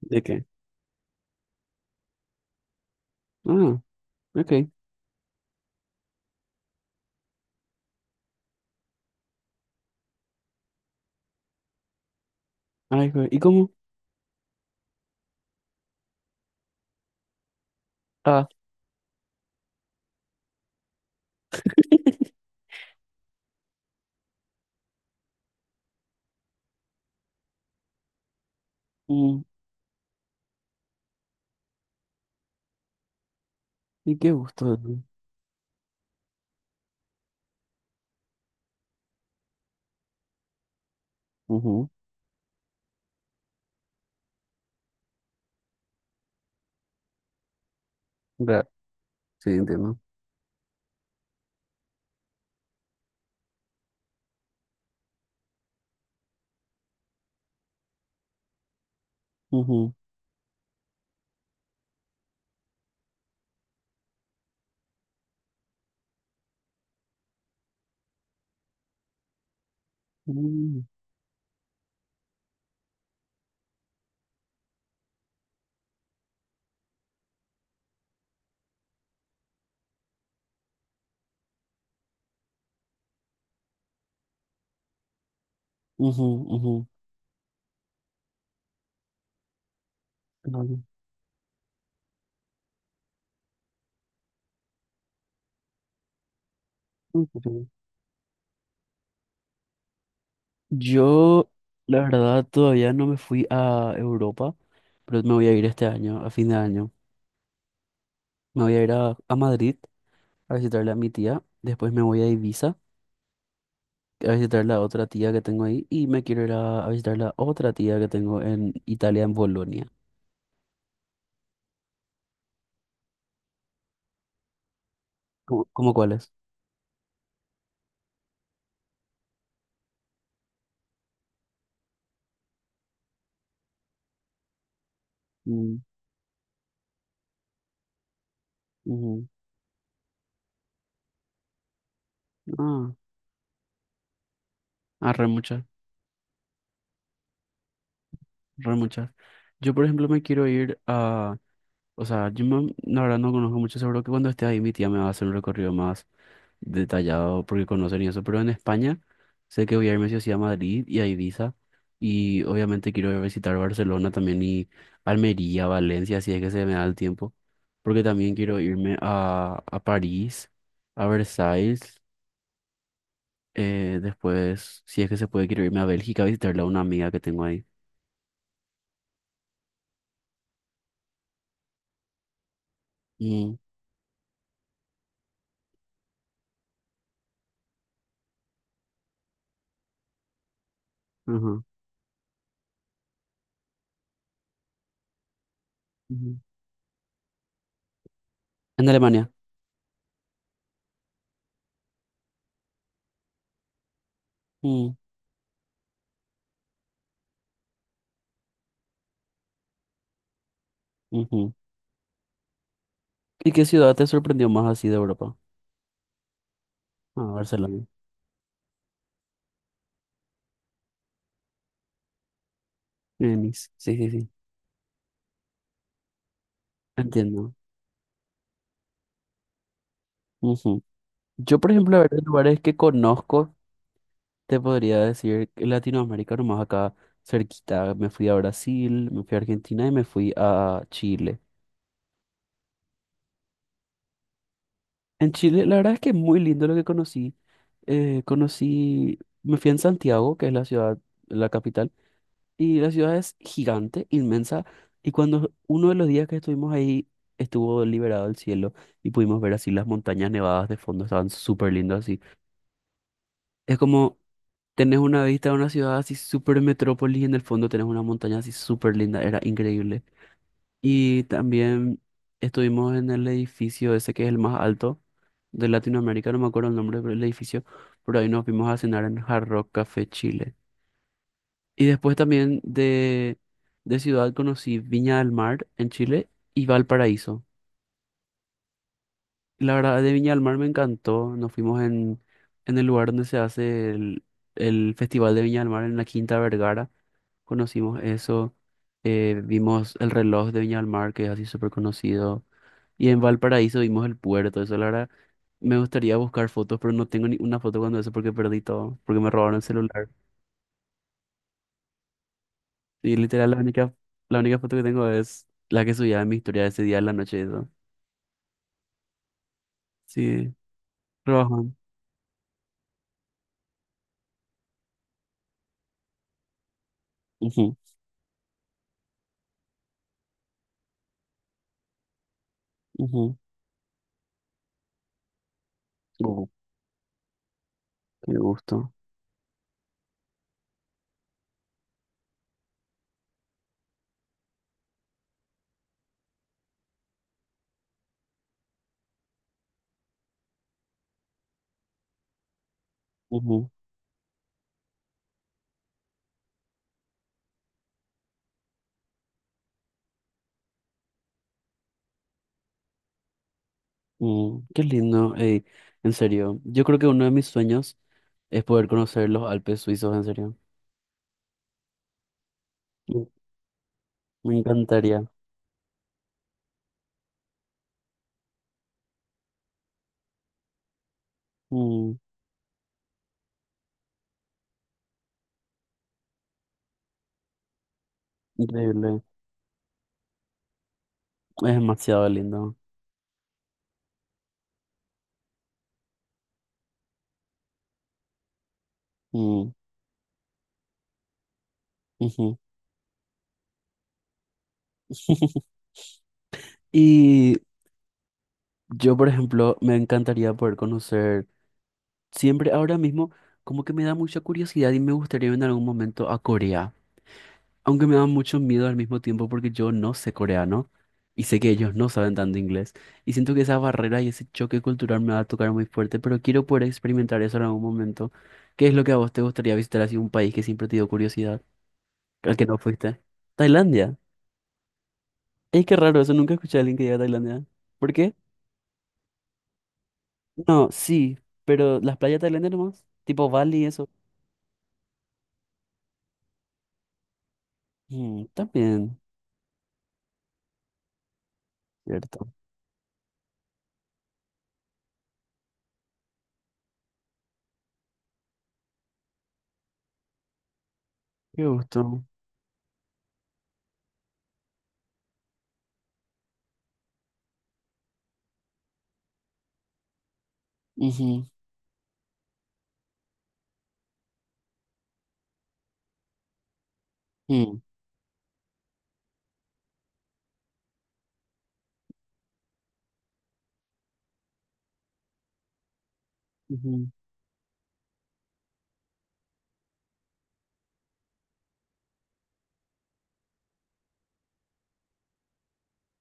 ¿De qué? Ah, ok. Ay, ¿y cómo? Ah, mm, ¿y qué gusto? Ujú. Ra- Sí, entiendo. Ujú, mm, ujú, ujú. No, no, no, no, no. Yo, la verdad, todavía no me fui a Europa, pero me voy a ir este año, a fin de año. Me voy a ir a Madrid a visitarle a mi tía. Después me voy a Ibiza a visitar la otra tía que tengo ahí. Y me quiero ir a visitar la otra tía que tengo en Italia, en Bolonia. ¿Cómo, cómo cuál es? Mm, ujú. Ah, ah, re muchas, re muchas. Yo, por ejemplo, me quiero ir a. O sea, la verdad no conozco mucho, seguro que cuando esté ahí mi tía me va a hacer un recorrido más detallado porque conocen y eso. Pero en España sé que voy a irme sí o sí a Madrid y a Ibiza. Y obviamente quiero ir a visitar Barcelona también y Almería, Valencia, si es que se me da el tiempo. Porque también quiero irme a París, a Versailles. Eh, después, si es que se puede, quiero irme a Bélgica a visitarle a una amiga que tengo ahí. Mm, ajá. Ujú. En Alemania. Mm, ujú. ¿Y qué ciudad te sorprendió más así de Europa? Ah, Barcelona. Venice. Sí, sí, sí. Entiendo. Ujú. Yo, por ejemplo, a ver, de lugares que conozco, te podría decir que Latinoamérica, nomás acá cerquita. Me fui a Brasil, me fui a Argentina y me fui a Chile. En Chile, la verdad es que es muy lindo lo que conocí. Conocí, me fui en Santiago, que es la ciudad, la capital. Y la ciudad es gigante, inmensa. Y cuando uno de los días que estuvimos ahí estuvo liberado el cielo y pudimos ver así las montañas nevadas de fondo, estaban súper lindas así. Es como tenés una vista de una ciudad así súper metrópolis y en el fondo tenés una montaña así súper linda, era increíble. Y también estuvimos en el edificio ese que es el más alto de Latinoamérica, no me acuerdo el nombre del edificio, pero ahí nos vimos a cenar en Hard Rock Café Chile. Y después también de ciudad conocí Viña del Mar en Chile y Valparaíso. La verdad, de Viña del Mar me encantó. Nos fuimos en el lugar donde se hace el Festival de Viña del Mar, en la Quinta Vergara. Conocimos eso. Vimos el reloj de Viña del Mar, que es así súper conocido. Y en Valparaíso vimos el puerto. Eso, la verdad, me gustaría buscar fotos, pero no tengo ni una foto cuando eso porque perdí todo, porque me robaron el celular. Y literal, la única foto que tengo es la que subía en mi historia ese día en la noche. Eso. Sí, trabajando. Ujú, ujú. Uh, qué gusto. Ujú, mm, qué lindo. Ey, en serio, yo creo que uno de mis sueños es poder conocer los Alpes suizos, en serio. Mm, me encantaría. Mm, increíble. Es demasiado lindo. Mm, ujú. Y yo, por ejemplo, me encantaría poder conocer. Siempre ahora mismo como que me da mucha curiosidad y me gustaría en algún momento a Corea, aunque me da mucho miedo al mismo tiempo porque yo no sé coreano y sé que ellos no saben tanto inglés y siento que esa barrera y ese choque cultural me va a tocar muy fuerte, pero quiero poder experimentar eso en algún momento. ¿Qué es lo que a vos te gustaría visitar así un país que siempre te dio curiosidad, al que no fuiste? Tailandia. Es que raro, eso nunca escuché a alguien que diga Tailandia. ¿Por qué? No, sí, pero las playas tailandias nomás, tipo Bali y eso. Mm, también, cierto. Qué gusto. Ujú, ujú, ujú.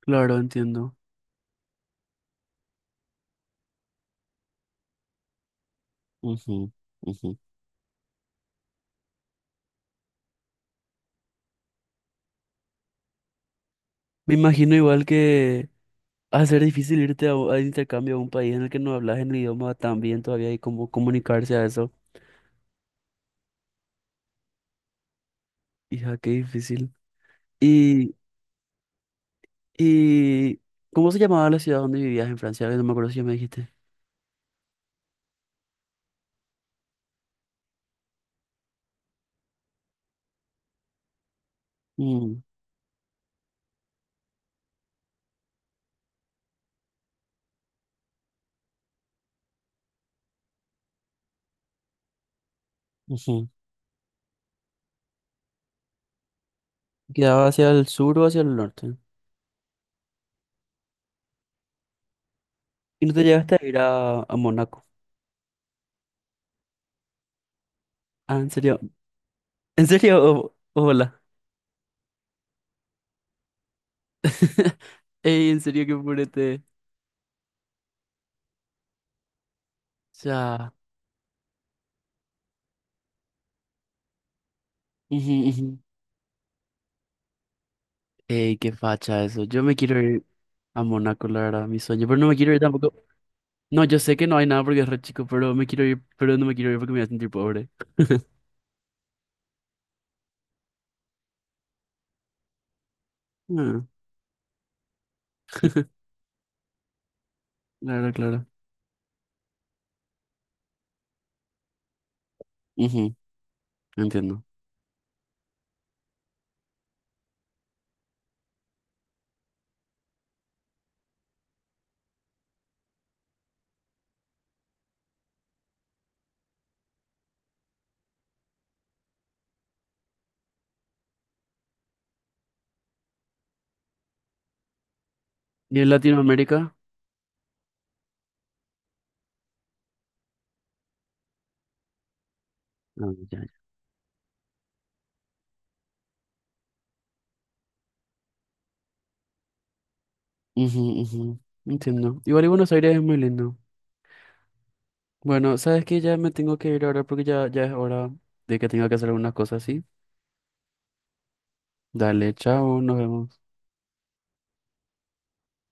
Claro, entiendo. Ujú, ujú. Me imagino igual que va a ser difícil irte a, intercambio a un país en el que no hablas el idioma tan bien todavía y cómo comunicarse a eso. Hija, qué difícil. Y, y, ¿cómo se llamaba la ciudad donde vivías en Francia? Que no me acuerdo si ya me dijiste. Mm, ujú. ¿Quedaba hacia el sur o hacia el norte? ¿Y no te llegaste a ir a Mónaco? Ah, ¿en serio? ¿En serio? Hola. Ey, en serio, qué purete. Sea, ujú, ujú. Ey, qué facha eso. Yo me quiero ir a Mónaco, la verdad, mi sueño. Pero no me quiero ir tampoco. No, yo sé que no hay nada porque es re chico, pero me quiero ir, pero no me quiero ir porque me voy a sentir pobre. Ah, claro, claro. Ujú, entiendo. ¿Y en Latinoamérica? Ah, ya, ya, ujú, ujú. Entiendo. Igual y Buenos Aires es muy lindo. Bueno, sabes que ya me tengo que ir ahora porque ya, ya es hora de que tenga que hacer algunas cosas, ¿sí? Dale, chao, nos vemos.